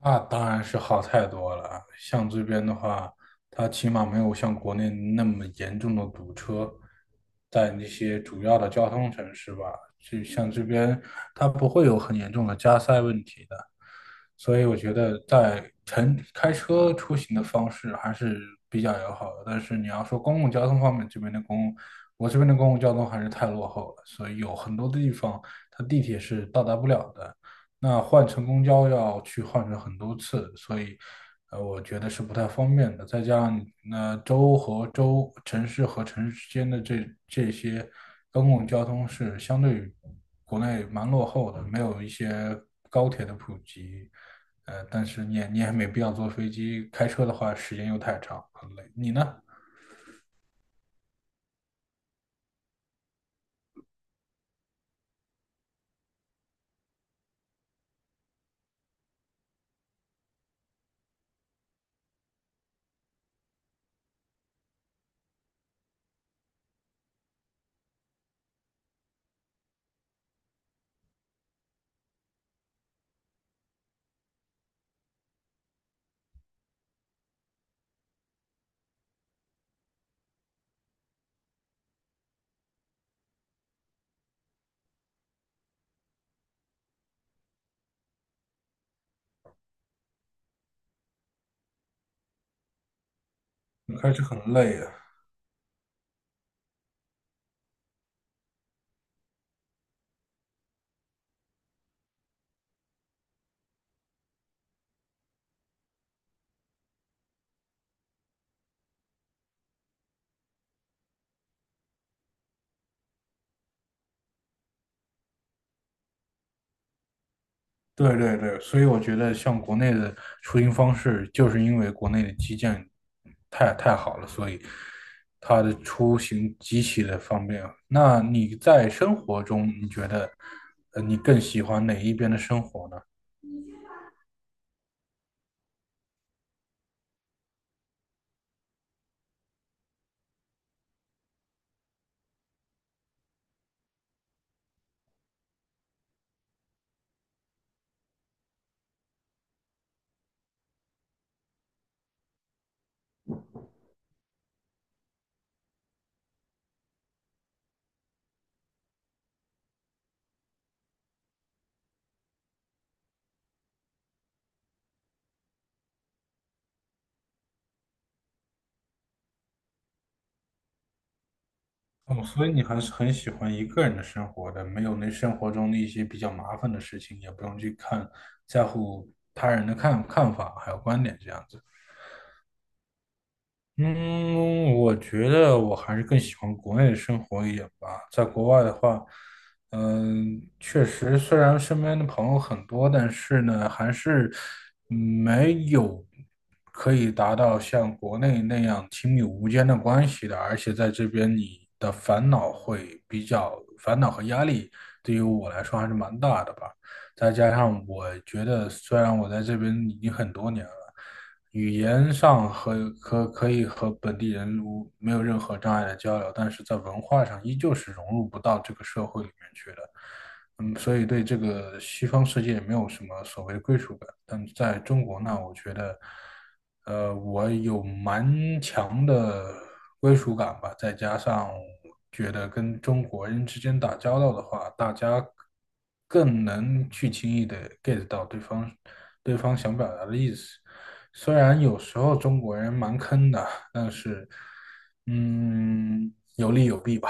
那当然是好太多了啊。像这边的话，它起码没有像国内那么严重的堵车，在那些主要的交通城市吧，就像这边它不会有很严重的加塞问题的。所以我觉得在城开车出行的方式还是比较友好的。但是你要说公共交通方面，这边的公共，我这边的公共交通还是太落后了，所以有很多的地方它地铁是到达不了的。那换乘公交要去换乘很多次，所以，我觉得是不太方便的。再加上，那州和州、城市和城市之间的这些公共交通是相对于国内蛮落后的，没有一些高铁的普及。但是你也没必要坐飞机，开车的话时间又太长，很累。你呢？开车很累啊。对对对，所以我觉得像国内的出行方式，就是因为国内的基建太好了，所以它的出行极其的方便。那你在生活中，你觉得你更喜欢哪一边的生活呢？哦，所以你还是很喜欢一个人的生活的，没有那生活中的一些比较麻烦的事情，也不用去看在乎他人的看法还有观点这样子。嗯，我觉得我还是更喜欢国内的生活一点吧。在国外的话，嗯，确实，虽然身边的朋友很多，但是呢，还是没有可以达到像国内那样亲密无间的关系的。而且在这边，你的烦恼会比较，烦恼和压力对于我来说还是蛮大的吧。再加上我觉得，虽然我在这边已经很多年了。语言上和可以和本地人无没有任何障碍的交流，但是在文化上依旧是融入不到这个社会里面去的。嗯，所以对这个西方世界没有什么所谓的归属感。但在中国呢，我觉得，我有蛮强的归属感吧，再加上觉得跟中国人之间打交道的话，大家更能去轻易的 get 到对方想表达的意思。虽然有时候中国人蛮坑的，但是，有利有弊吧。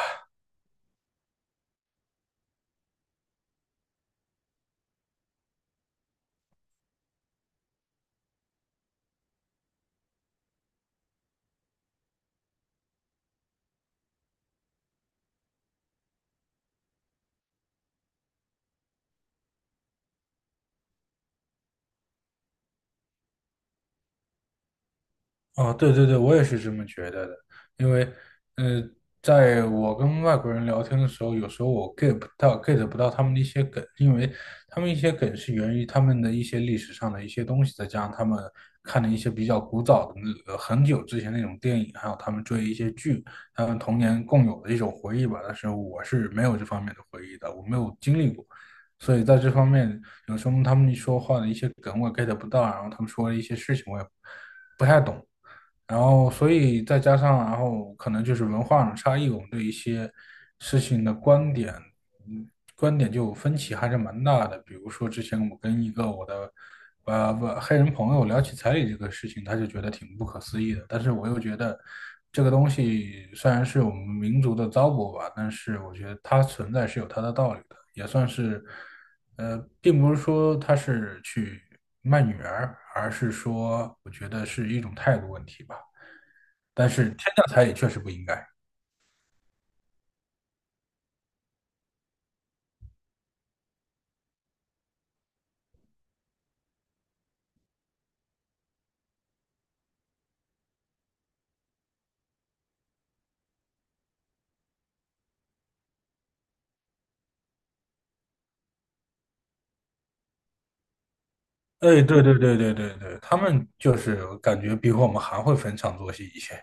哦，对对对，我也是这么觉得的，因为，呃，在我跟外国人聊天的时候，有时候我 get 不到他们的一些梗，因为他们一些梗是源于他们的一些历史上的一些东西，再加上他们看的一些比较古早的很久之前那种电影，还有他们追一些剧，他们童年共有的一种回忆吧。但是我是没有这方面的回忆的，我没有经历过，所以在这方面，有时候他们说话的一些梗我 get 不到，然后他们说的一些事情我也不太懂。所以再加上，然后可能就是文化上的差异，我们对一些事情的观点，嗯，观点就分歧还是蛮大的。比如说之前我跟我的不黑人朋友聊起彩礼这个事情，他就觉得挺不可思议的，但是我又觉得这个东西虽然是我们民族的糟粕吧，但是我觉得它存在是有它的道理的，也算是。并不是说他是去卖女儿，而是说我觉得是一种态度问题吧。但是天降彩礼确实不应该。哎，对对对对对对，他们就是感觉比我们还会逢场作戏一些。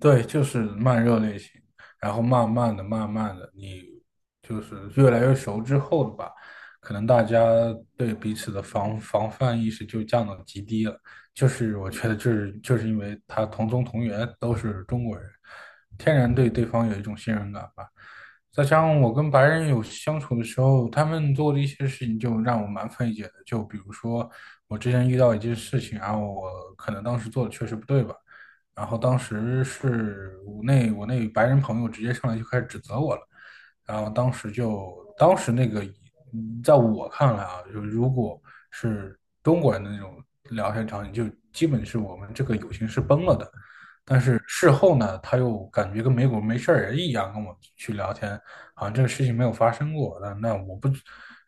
对，就是慢热类型，然后慢慢的、慢慢的，你就是越来越熟之后的吧，可能大家对彼此的防范意识就降到极低了。就是我觉得，就是因为他同宗同源，都是中国人，天然对对方有一种信任感吧。再加上我跟白人有相处的时候，他们做的一些事情就让我蛮费解的。就比如说，我之前遇到一件事情，然后我可能当时做的确实不对吧。然后当时是我那白人朋友直接上来就开始指责我了，然后当时就当时那个，嗯在我看来啊，就如果是中国人的那种聊天场景，就基本是我们这个友情是崩了的。但是事后呢，他又感觉跟没过没事儿人一样跟我去聊天，好像这个事情没有发生过。那那我不，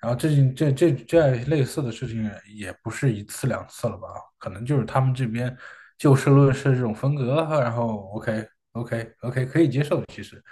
然后这件这这这类似的事情也不是一次两次了吧？可能就是他们这边就事论事这种风格啊，然后 OK OK 可以接受，其实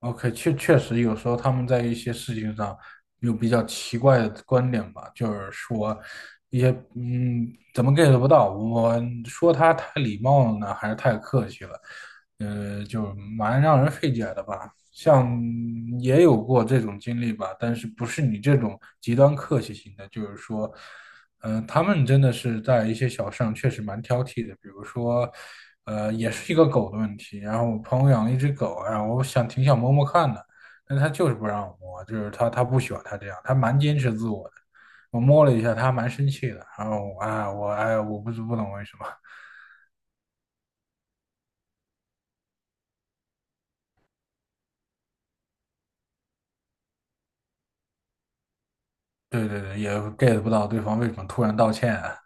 OK 确确实有时候他们在一些事情上有比较奇怪的观点吧，就是说一些嗯怎么 get 不到，我说他太礼貌了呢，还是太客气了，就蛮让人费解的吧。像也有过这种经历吧，但是不是你这种极端客气型的，就是说，他们真的是在一些小事上确实蛮挑剔的，比如说，也是一个狗的问题。然后我朋友养了一只狗，然后我想挺想摸摸看的，但他就是不让我摸，就是他不喜欢他这样，他蛮坚持自我的。我摸了一下，他还蛮生气的。然后我哎，我不懂为什么。对对对，也 get 不到对方为什么突然道歉啊。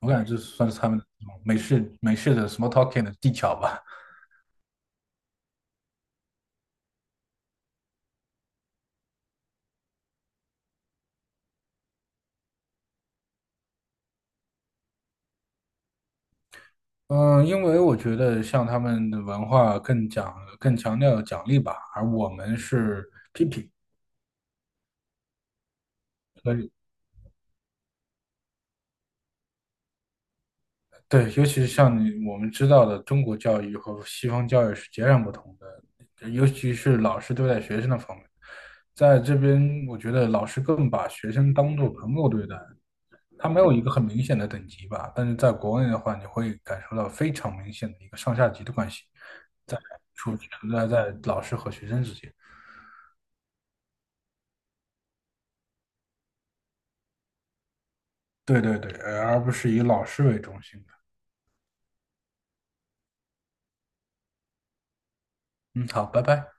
我感觉这算是他们美式的 small talking 的技巧吧。嗯，因为我觉得像他们的文化更强调奖励吧，而我们是批评和对，尤其是像你我们知道的，中国教育和西方教育是截然不同的，尤其是老师对待学生的方面，在这边我觉得老师更把学生当做朋友对待，他没有一个很明显的等级吧，但是在国内的话，你会感受到非常明显的一个上下级的关系，在存在在老师和学生之间。对对对，呃而不是以老师为中心的。嗯，好，拜拜。